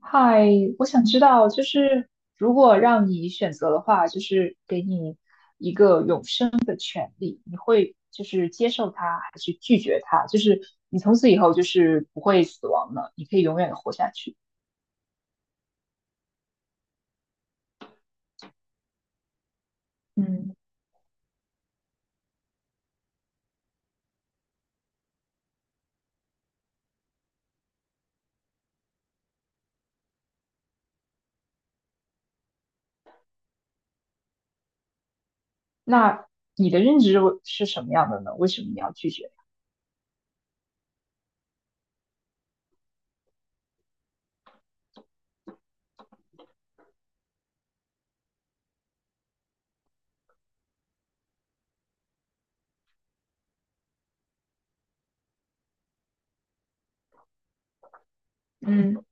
嗨，我想知道，就是如果让你选择的话，就是给你一个永世权利，你会就是接受它，还是拒绝它？就是你从此以后就是不会死亡了，你可以永远的活下去。嗯，那你的认知是什么样的呢？为什么你要拒绝？嗯。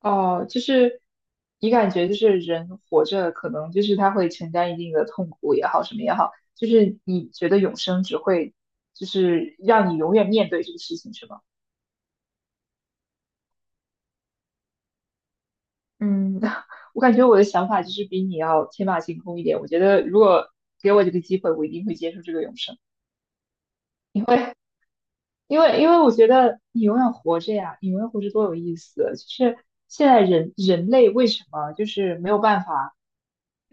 哦，就是你感觉就是人活着，可能就是他会承担一定的痛苦也好，什么也好，就是你觉得永生只会就是让你永远面对这个事情，是吗？嗯，我感觉我的想法就是比你要天马行空一点。我觉得如果给我这个机会，我一定会接受这个永生。因为我觉得你永远活着呀，你永远活着多有意思。就是现在人类为什么就是没有办法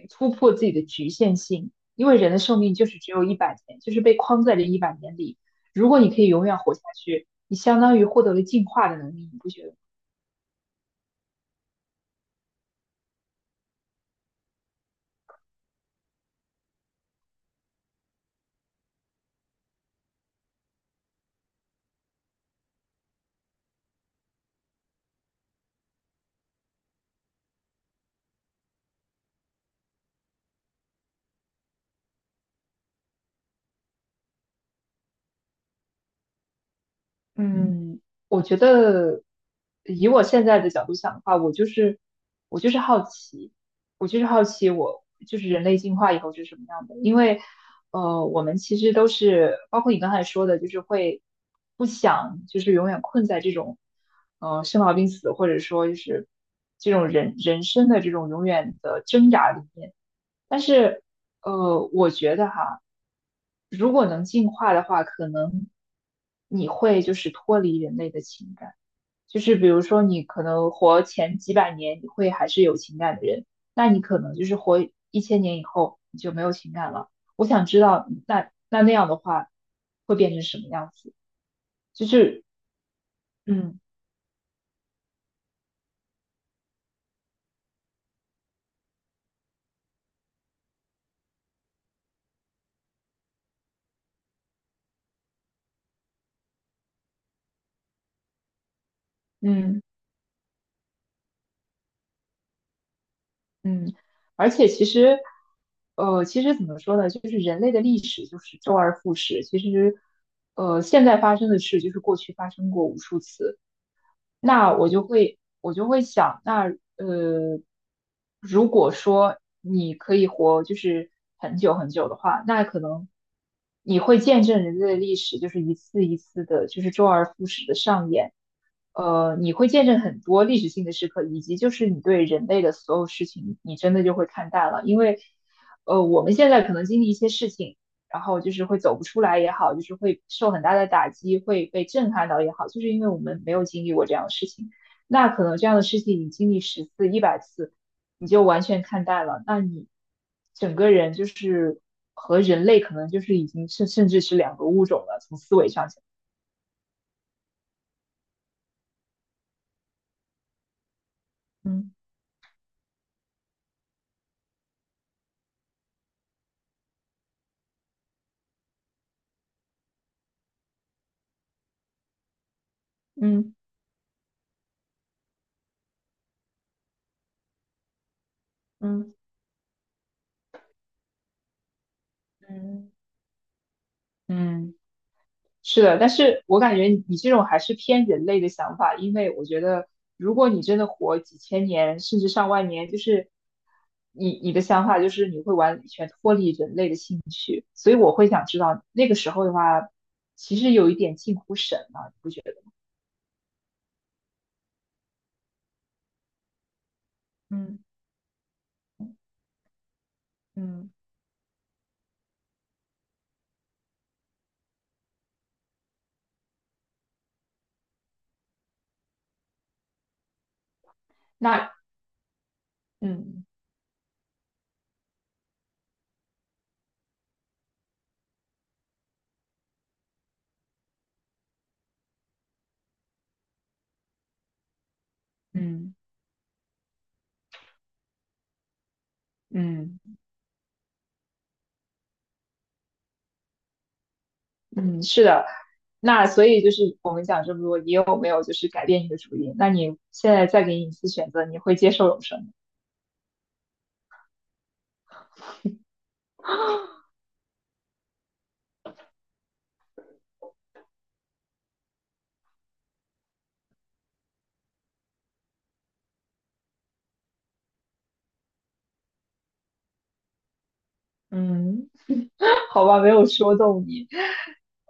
突破自己的局限性？因为人的寿命就是只有一百年，就是被框在这一百年里。如果你可以永远活下去，你相当于获得了进化的能力，你不觉得吗？嗯，我觉得以我现在的角度想的话，我就是好奇，我就是好奇，就是人类进化以后是什么样的。因为我们其实都是，包括你刚才说的，就是会不想就是永远困在这种生老病死，或者说就是这种人生的这种永远的挣扎里面。但是，我觉得哈，如果能进化的话，可能你会就是脱离人类的情感，就是比如说你可能活前几百年，你会还是有情感的人，那你可能就是活1000年以后，你就没有情感了。我想知道，那样的话，会变成什么样子？就是，嗯嗯。嗯，而且其实，其实怎么说呢，就是人类的历史就是周而复始。其实，现在发生的事就是过去发生过无数次。那我就会，我就会想，那呃，如果说你可以活就是很久很久的话，那可能你会见证人类的历史就是一次一次的，就是周而复始的上演。你会见证很多历史性的时刻，以及就是你对人类的所有事情，你真的就会看淡了。因为，我们现在可能经历一些事情，然后就是会走不出来也好，就是会受很大的打击，会被震撼到也好，就是因为我们没有经历过这样的事情。那可能这样的事情你经历10次、100次，你就完全看淡了。那你整个人就是和人类可能就是已经甚至是两个物种了，从思维上讲。嗯嗯嗯。嗯。嗯，是的，但是我感觉你这种还是偏人类的想法，因为我觉得如果你真的活几千年甚至上万年，就是你的想法就是你会完全脱离人类的兴趣，所以我会想知道那个时候的话，其实有一点近乎神了，你不觉得吗？嗯嗯。那。嗯嗯嗯嗯，是的，那所以就是我们讲这么多，你有没有就是改变你的主意？那你现在再给你一次选择，你会接受永生吗？嗯，好吧，没有说动你。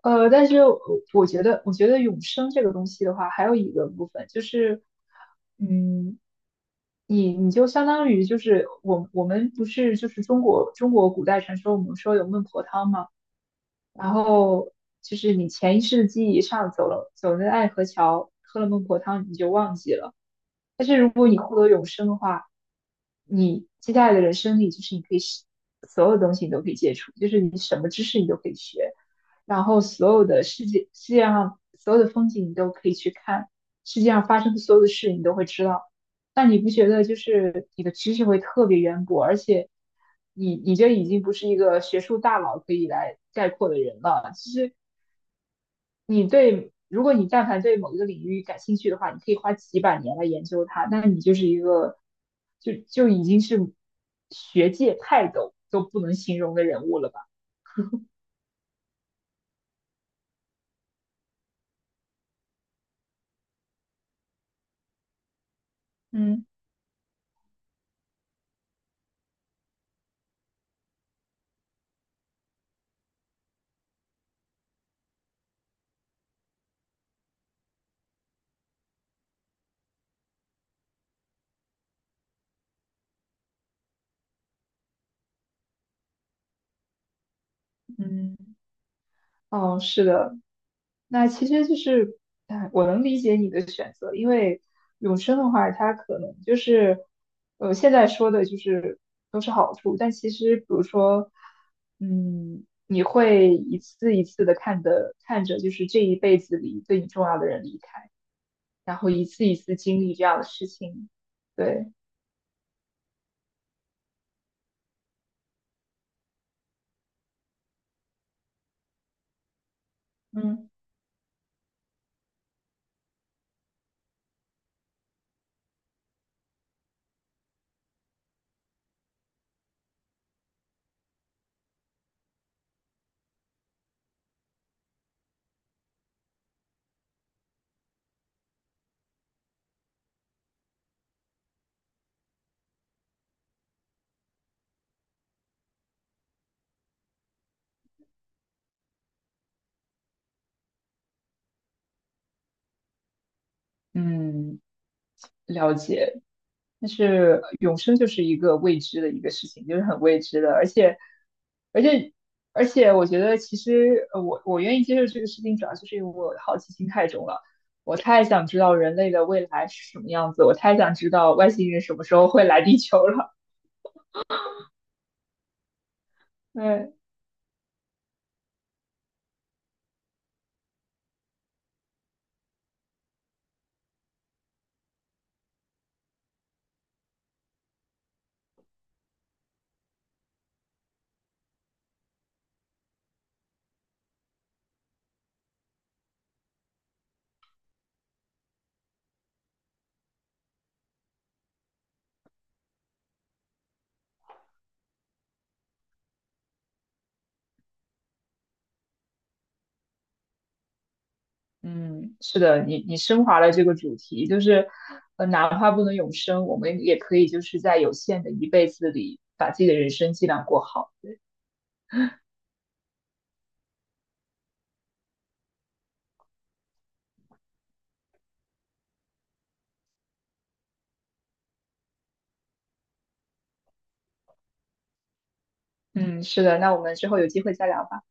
但是我觉得，永生这个东西的话，还有一个部分就是，嗯，你就相当于就是我们不是就是中国古代传说，我们说有孟婆汤嘛，然后就是你前一世记忆上走了爱河桥，喝了孟婆汤，你就忘记了。但是如果你获得永生的话，你接下来的人生里，就是你可以是所有东西你都可以接触，就是你什么知识你都可以学，然后所有的世界上所有的风景你都可以去看，世界上发生的所有的事你都会知道。但你不觉得就是你的知识会特别渊博，而且你这已经不是一个学术大佬可以来概括的人了，其实。你对，如果你但凡对某一个领域感兴趣的话，你可以花几百年来研究它，那你就是一个就已经是学界泰斗都不能形容的人物了吧？嗯嗯，哦，是的，那其实就是，哎，我能理解你的选择，因为永生的话，它可能就是，现在说的就是都是好处，但其实比如说，嗯，你会一次一次的看着，就是这一辈子里对你重要的人离开，然后一次一次经历这样的事情，对，嗯。嗯。了解，但是永生就是一个未知的一个事情，就是很未知的，而且，而且，我觉得其实我愿意接受这个事情，主要就是因为我好奇心太重了，我太想知道人类的未来是什么样子，我太想知道外星人什么时候会来地球了。对，嗯，是的，你升华了这个主题，就是哪怕不能永生，我们也可以就是在有限的一辈子里，把自己的人生尽量过好。嗯，是的，那我们之后有机会再聊吧，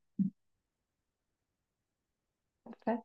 拜拜。